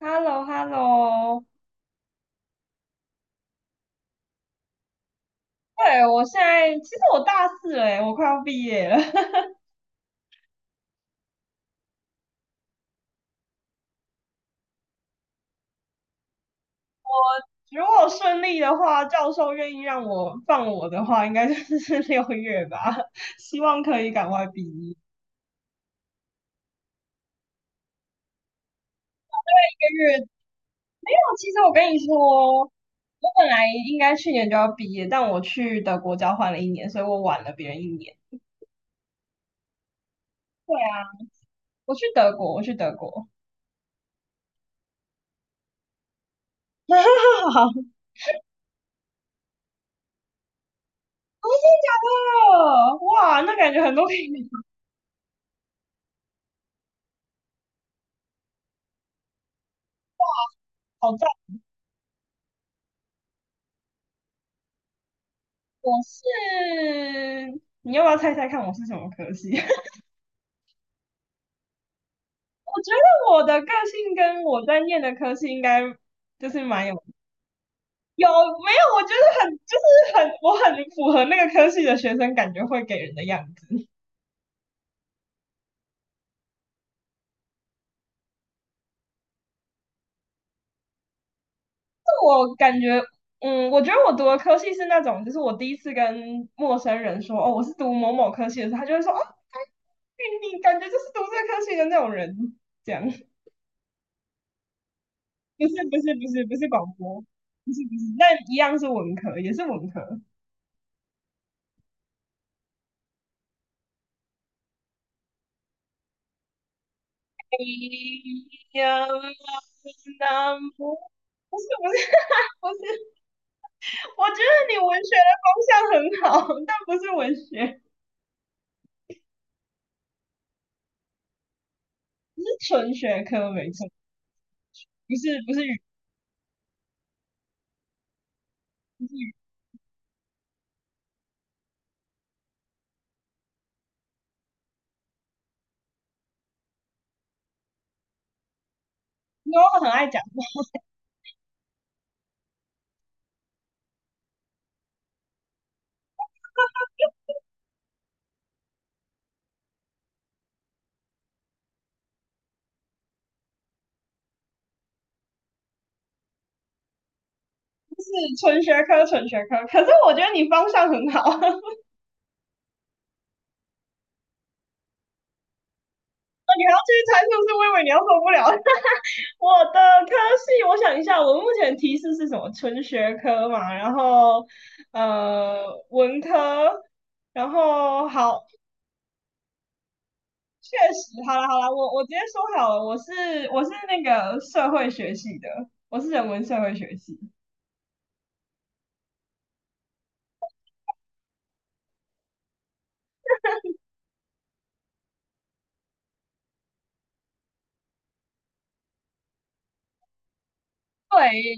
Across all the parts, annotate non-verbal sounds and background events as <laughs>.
h e l l o h e l l o 对，我现在其实我大四了耶，我快要毕业了。<laughs> 如果顺利的话，教授愿意让我放我的话，应该就是 <laughs> 六月吧。<laughs> 希望可以赶快毕业。一个月没有，其实我跟你说，我本来应该去年就要毕业，但我去德国交换了一年，所以我晚了别人一年。对啊，我去德国。<laughs> 好，真的假的？哇，那感觉很多好友。好，我是，你要不要猜猜看我是什么科系？<laughs> 我觉得我的个性跟我在念的科系应该就是蛮有。有没有？我觉得很就是很，我很符合那个科系的学生感觉会给人的样子。我感觉，我觉得我读的科系是那种，就是我第一次跟陌生人说哦我是读某某科系的时候，他就会说哦，哎，你感觉就是读这个科系的那种人，这样。 <laughs> 不是广播，不是不是，但一样是文科，也是文科。呀，那不，不是 <laughs> 不是，我觉得你文学的方向很好，但不是文学，不是纯学科，没错，不是不是语不是语。因为我很爱讲，就是纯学科，可是我觉得你方向很好。<laughs> 你还要继续猜是不是？我以为你要受不了。<laughs> 我的科系，我想一下，我目前提示是什么？纯学科嘛，然后呃文科，然后好，确实，好了好了，我直接说好了，我是那个社会学系的，我是人文社会学系。对，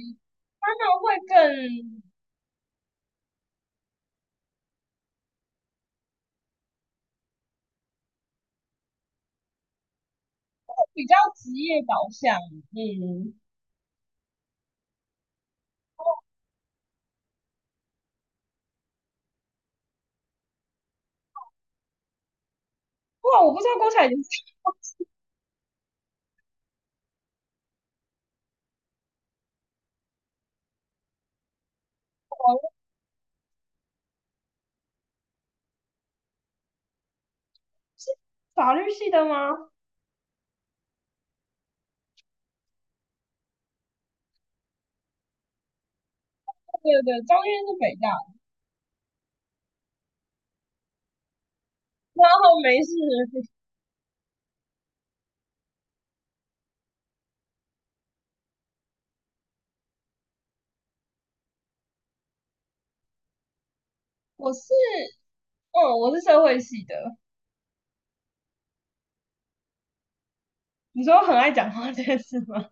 他们会更比较职业导向，嗯。哇，我不知道郭采洁是。我法律系的吗？对对对，张院是北大的。然后没事，我是，嗯，我是社会系的。你说我很爱讲话这件事吗？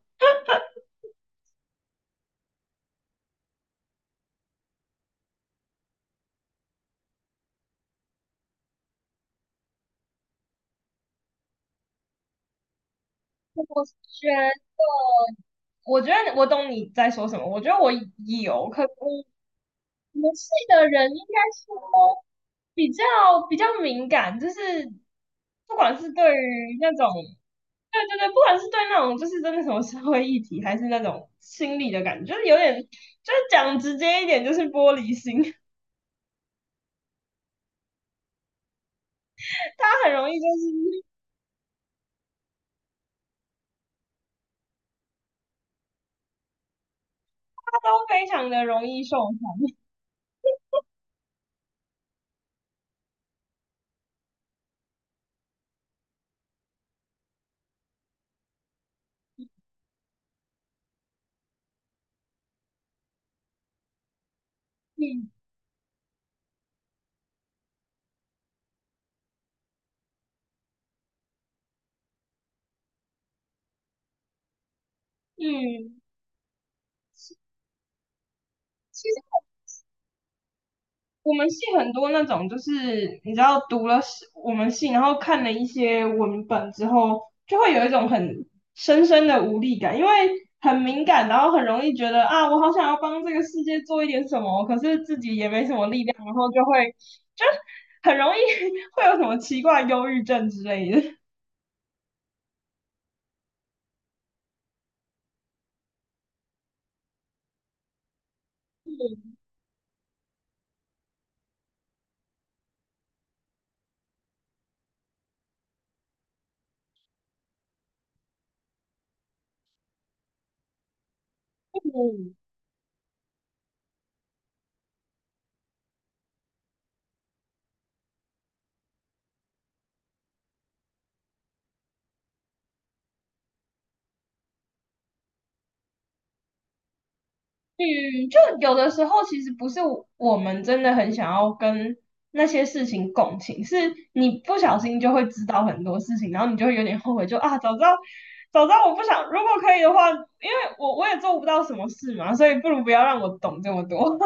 <laughs> 我觉得，我觉得我懂你在说什么。我觉得我有，可我们系的人应该说比较比较敏感，就是不管是对于那种，对对对，不管是对那种就是真的什么社会议题，还是那种心理的感觉，就是有点，就是讲直接一点，就是玻璃心。<laughs> 他很容易就是他都非常的容易受伤，嗯嗯。我们系很多那种，就是你知道读了我们系，然后看了一些文本之后，就会有一种很深深的无力感，因为很敏感，然后很容易觉得啊，我好想要帮这个世界做一点什么，可是自己也没什么力量，然后就会，就很容易 <laughs> 会有什么奇怪忧郁症之类的。嗯嗯，就有的时候其实不是我们真的很想要跟那些事情共情，是你不小心就会知道很多事情，然后你就会有点后悔，就啊，早知道，我不想，如果可以的话，因为我我也做不到什么事嘛，所以不如不要让我懂这么多。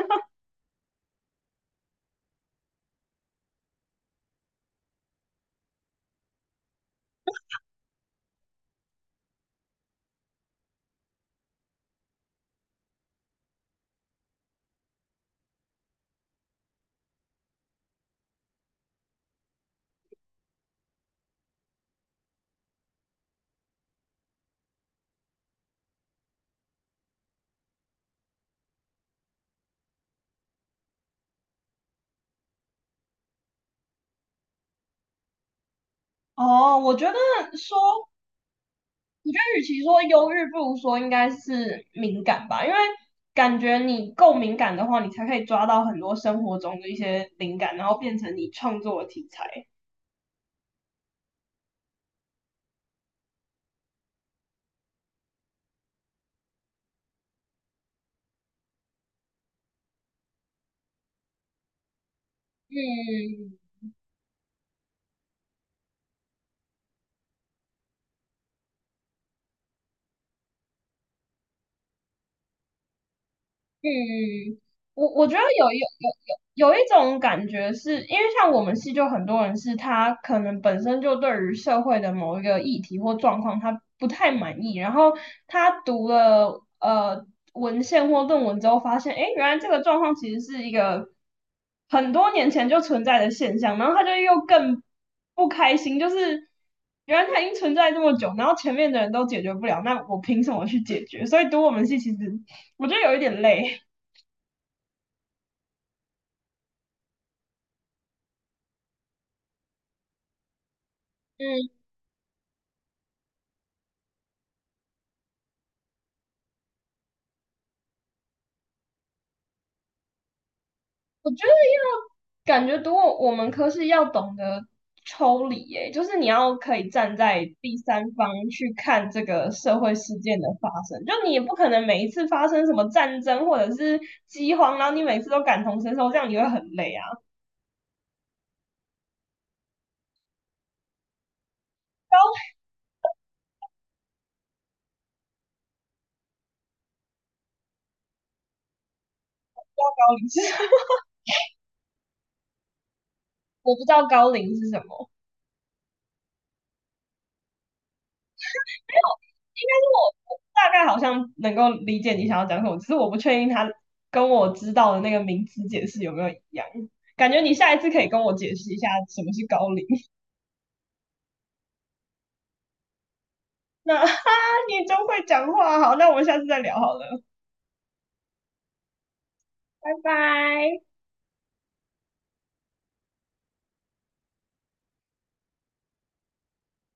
<laughs> 哦，我觉得说，我觉得与其说忧郁，不如说应该是敏感吧，因为感觉你够敏感的话，你才可以抓到很多生活中的一些灵感，然后变成你创作的题材。嗯，嗯，嗯，我觉得有有一种感觉是，因为像我们系就很多人是他可能本身就对于社会的某一个议题或状况他不太满意，然后他读了文献或论文之后发现，诶，原来这个状况其实是一个很多年前就存在的现象，然后他就又更不开心，就是原来它已经存在这么久，然后前面的人都解决不了，那我凭什么去解决？所以读我们系其实我觉得有一点累。嗯，我觉得要感觉读我们科是要懂得抽离，诶，就是你要可以站在第三方去看这个社会事件的发生，就你也不可能每一次发生什么战争或者是饥荒，然后你每次都感同身受，这样你会很累啊。高高龄是 <laughs> 我不知道高龄是什么，应该是我，我大概好像能够理解你想要讲什么，只是我不确定他跟我知道的那个名词解释有没有一样。感觉你下一次可以跟我解释一下什么是高龄。那哈，<laughs> 你真会讲话，好，那我们下次再聊好了，拜拜。